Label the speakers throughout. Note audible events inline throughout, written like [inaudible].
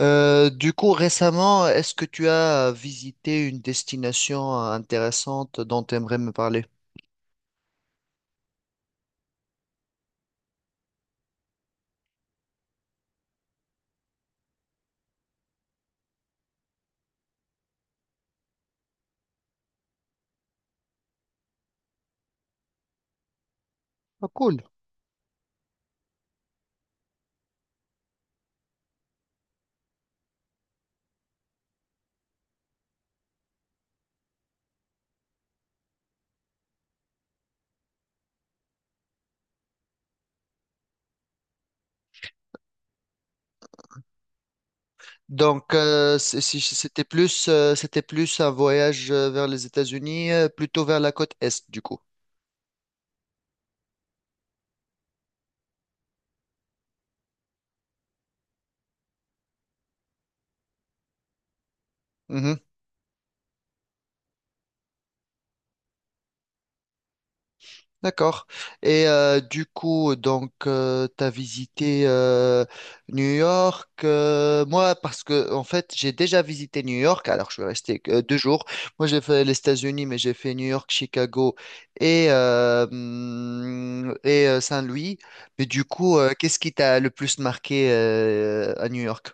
Speaker 1: Du coup, récemment, est-ce que tu as visité une destination intéressante dont tu aimerais me parler? Ah, cool. Donc, c'était plus un voyage vers les États-Unis, plutôt vers la côte Est, du coup. Mhm. D'accord. Et du coup, donc, tu as visité New York. Moi, parce que, en fait, j'ai déjà visité New York. Alors, je suis resté que deux jours. Moi, j'ai fait les États-Unis, mais j'ai fait New York, Chicago et Saint-Louis. Mais du coup, qu'est-ce qui t'a le plus marqué à New York?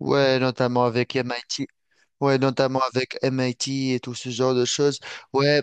Speaker 1: Ouais, notamment avec MIT. Ouais, notamment avec MIT et tout ce genre de choses. Ouais.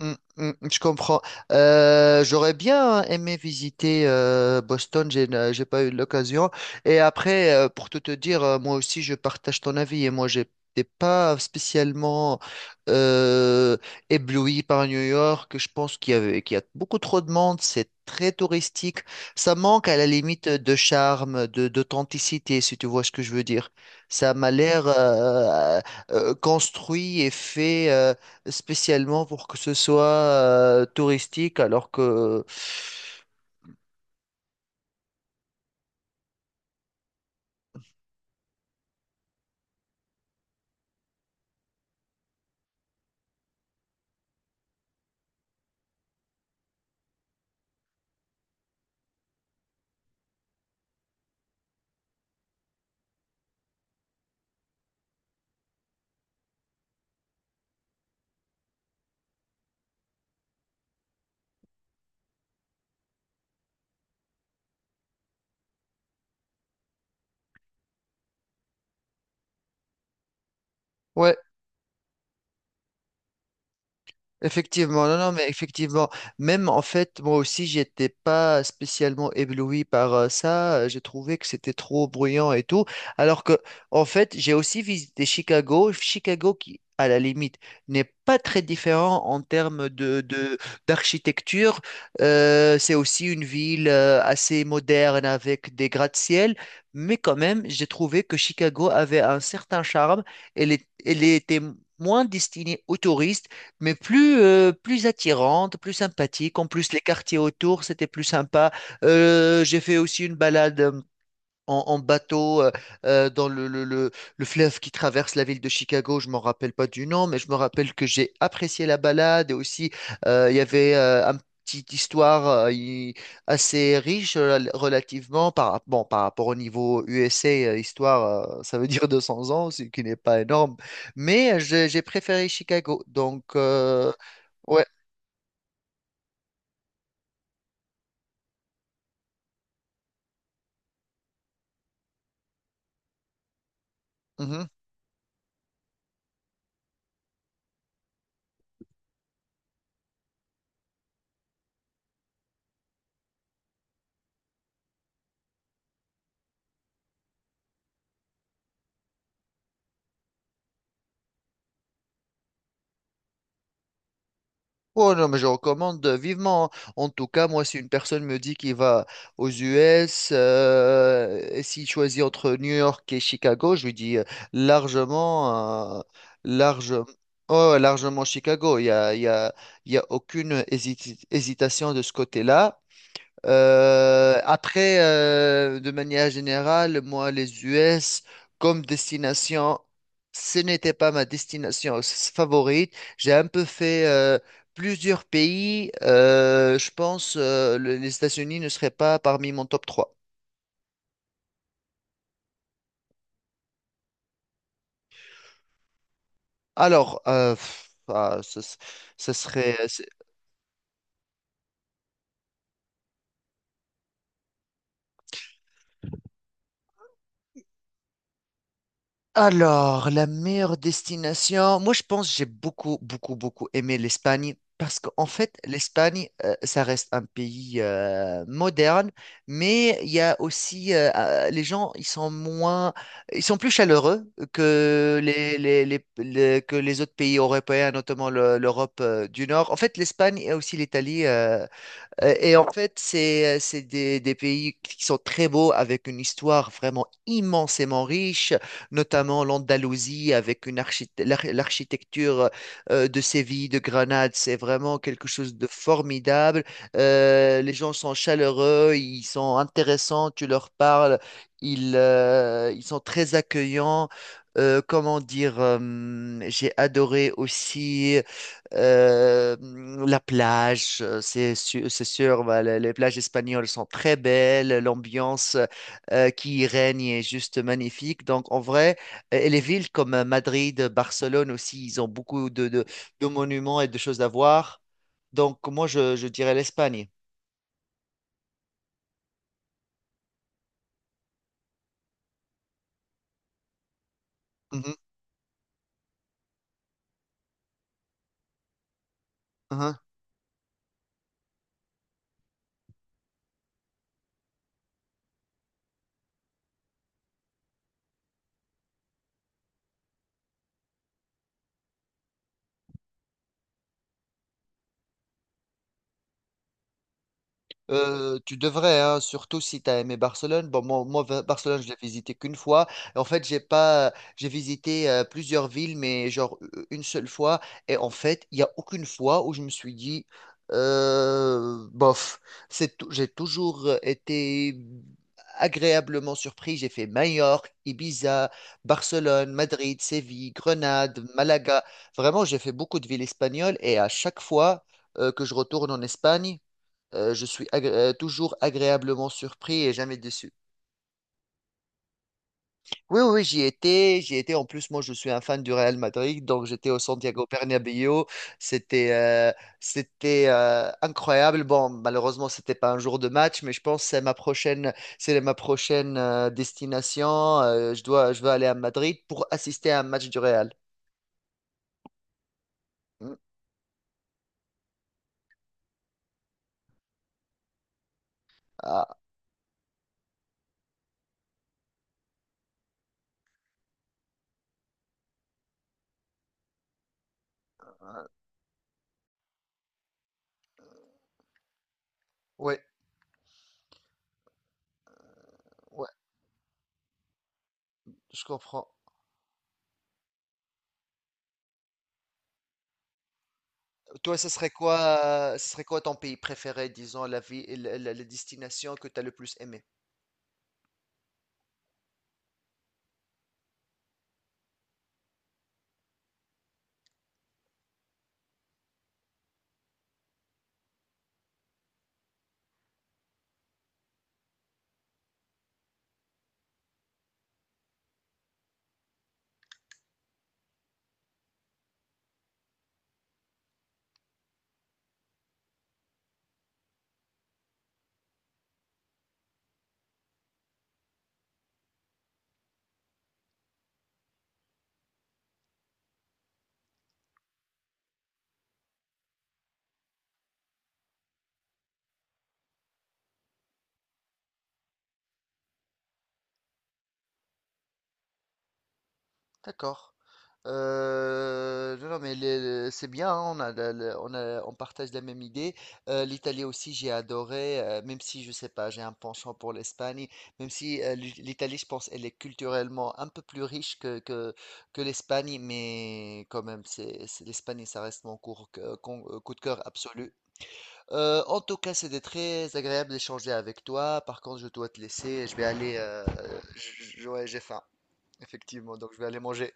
Speaker 1: Mm, mm, je comprends. J'aurais bien, hein, aimé visiter Boston, j'ai pas eu l'occasion. Et après, pour tout te dire, moi aussi, je partage ton avis. Et moi, j'étais pas spécialement euh, ébloui par New York. Je pense qu'il y a beaucoup trop de monde. C'est très touristique. Ça manque à la limite de charme, de d'authenticité, si tu vois ce que je veux dire. Ça m'a l'air construit et fait, spécialement pour que ce soit touristique. Alors que, ouais. Effectivement, non, non, mais effectivement, même en fait, moi aussi, j'étais pas spécialement ébloui par ça. J'ai trouvé que c'était trop bruyant et tout. Alors que, en fait, j'ai aussi visité Chicago. Chicago qui, à la limite, n'est pas très différent en termes d'architecture. C'est aussi une ville assez moderne avec des gratte-ciel. Mais quand même, j'ai trouvé que Chicago avait un certain charme. Elle était moins destinée aux touristes mais plus attirante, plus sympathique. En plus, les quartiers autour, c'était plus sympa. J'ai fait aussi une balade en bateau, dans le fleuve qui traverse la ville de Chicago. Je m'en rappelle pas du nom, mais je me rappelle que j'ai apprécié la balade, et aussi il y avait un petite histoire assez riche, relativement, bon, par rapport au niveau USA, histoire, ça veut [laughs] dire 200 ans, ce qui n'est pas énorme, mais j'ai préféré Chicago. Donc, ouais. Mhm. Oh non, mais je recommande vivement, hein. En tout cas, moi, si une personne me dit qu'il va aux US, et s'il choisit entre New York et Chicago, je lui dis largement, euh, large, oh, largement Chicago. Il y a aucune hésitation de ce côté-là. De manière générale, moi, les US comme destination, ce n'était pas ma destination favorite. J'ai un peu fait plusieurs pays. Les États-Unis ne seraient pas parmi mon top 3. Alors, pff, ah, ce serait, Alors, la meilleure destination, moi je pense que j'ai beaucoup, beaucoup, beaucoup aimé l'Espagne, parce qu'en fait, l'Espagne, ça reste un pays moderne, mais il y a aussi, les ils sont moins, ils sont plus chaleureux que que les autres pays européens, notamment l'Europe du Nord. En fait, l'Espagne et aussi l'Italie, et en fait, c'est des pays qui sont très beaux, avec une histoire vraiment immensément riche, notamment l'Andalousie, avec une l'architecture de Séville, de Grenade. C'est vraiment quelque chose de formidable. Les gens sont chaleureux, ils sont intéressants, tu leur parles, ils sont très accueillants. Comment dire, j'ai adoré aussi Euh, la plage. C'est sûr, c'est sûr, bah, les plages espagnoles sont très belles, l'ambiance qui y règne est juste magnifique. Donc, en vrai, et les villes comme Madrid, Barcelone aussi, ils ont beaucoup de monuments et de choses à voir. Donc, moi, je dirais l'Espagne. Mhm, mhm. Tu devrais, hein, surtout si tu as aimé Barcelone. Bon, Barcelone, je l'ai visité qu'une fois. En fait, j'ai pas, j'ai visité plusieurs villes, mais genre une seule fois. Et en fait, il n'y a aucune fois où je me suis dit, bof. J'ai toujours été agréablement surpris. J'ai fait Majorque, Ibiza, Barcelone, Madrid, Séville, Grenade, Malaga. Vraiment, j'ai fait beaucoup de villes espagnoles, et à chaque fois que je retourne en Espagne, toujours agréablement surpris et jamais déçu. Oui, oui, oui, j'y étais, j'y étais. En plus, moi, je suis un fan du Real Madrid, donc j'étais au Santiago Bernabéu. C'était, euh, C'était incroyable. Bon, malheureusement, c'était pas un jour de match, mais je pense que c'est ma prochaine destination. Je veux aller à Madrid pour assister à un match du Real. Hmm. Ah, ouais, ouais, je comprends. Toi, ce serait quoi ton pays préféré, disons, la vie, la- la destination que tu as le plus aimé? D'accord. Non, non, mais c'est bien, hein, on a, on partage la même idée. L'Italie aussi, j'ai adoré, même si je sais pas, j'ai un penchant pour l'Espagne, même si l'Italie, je pense, elle est culturellement un peu plus riche que l'Espagne, mais quand même, l'Espagne, ça reste mon cours, que- con- coup de cœur absolu. En tout cas, c'était très agréable d'échanger avec toi. Par contre, je dois te laisser, je vais aller, ouais, j'ai faim, effectivement, donc je vais aller manger.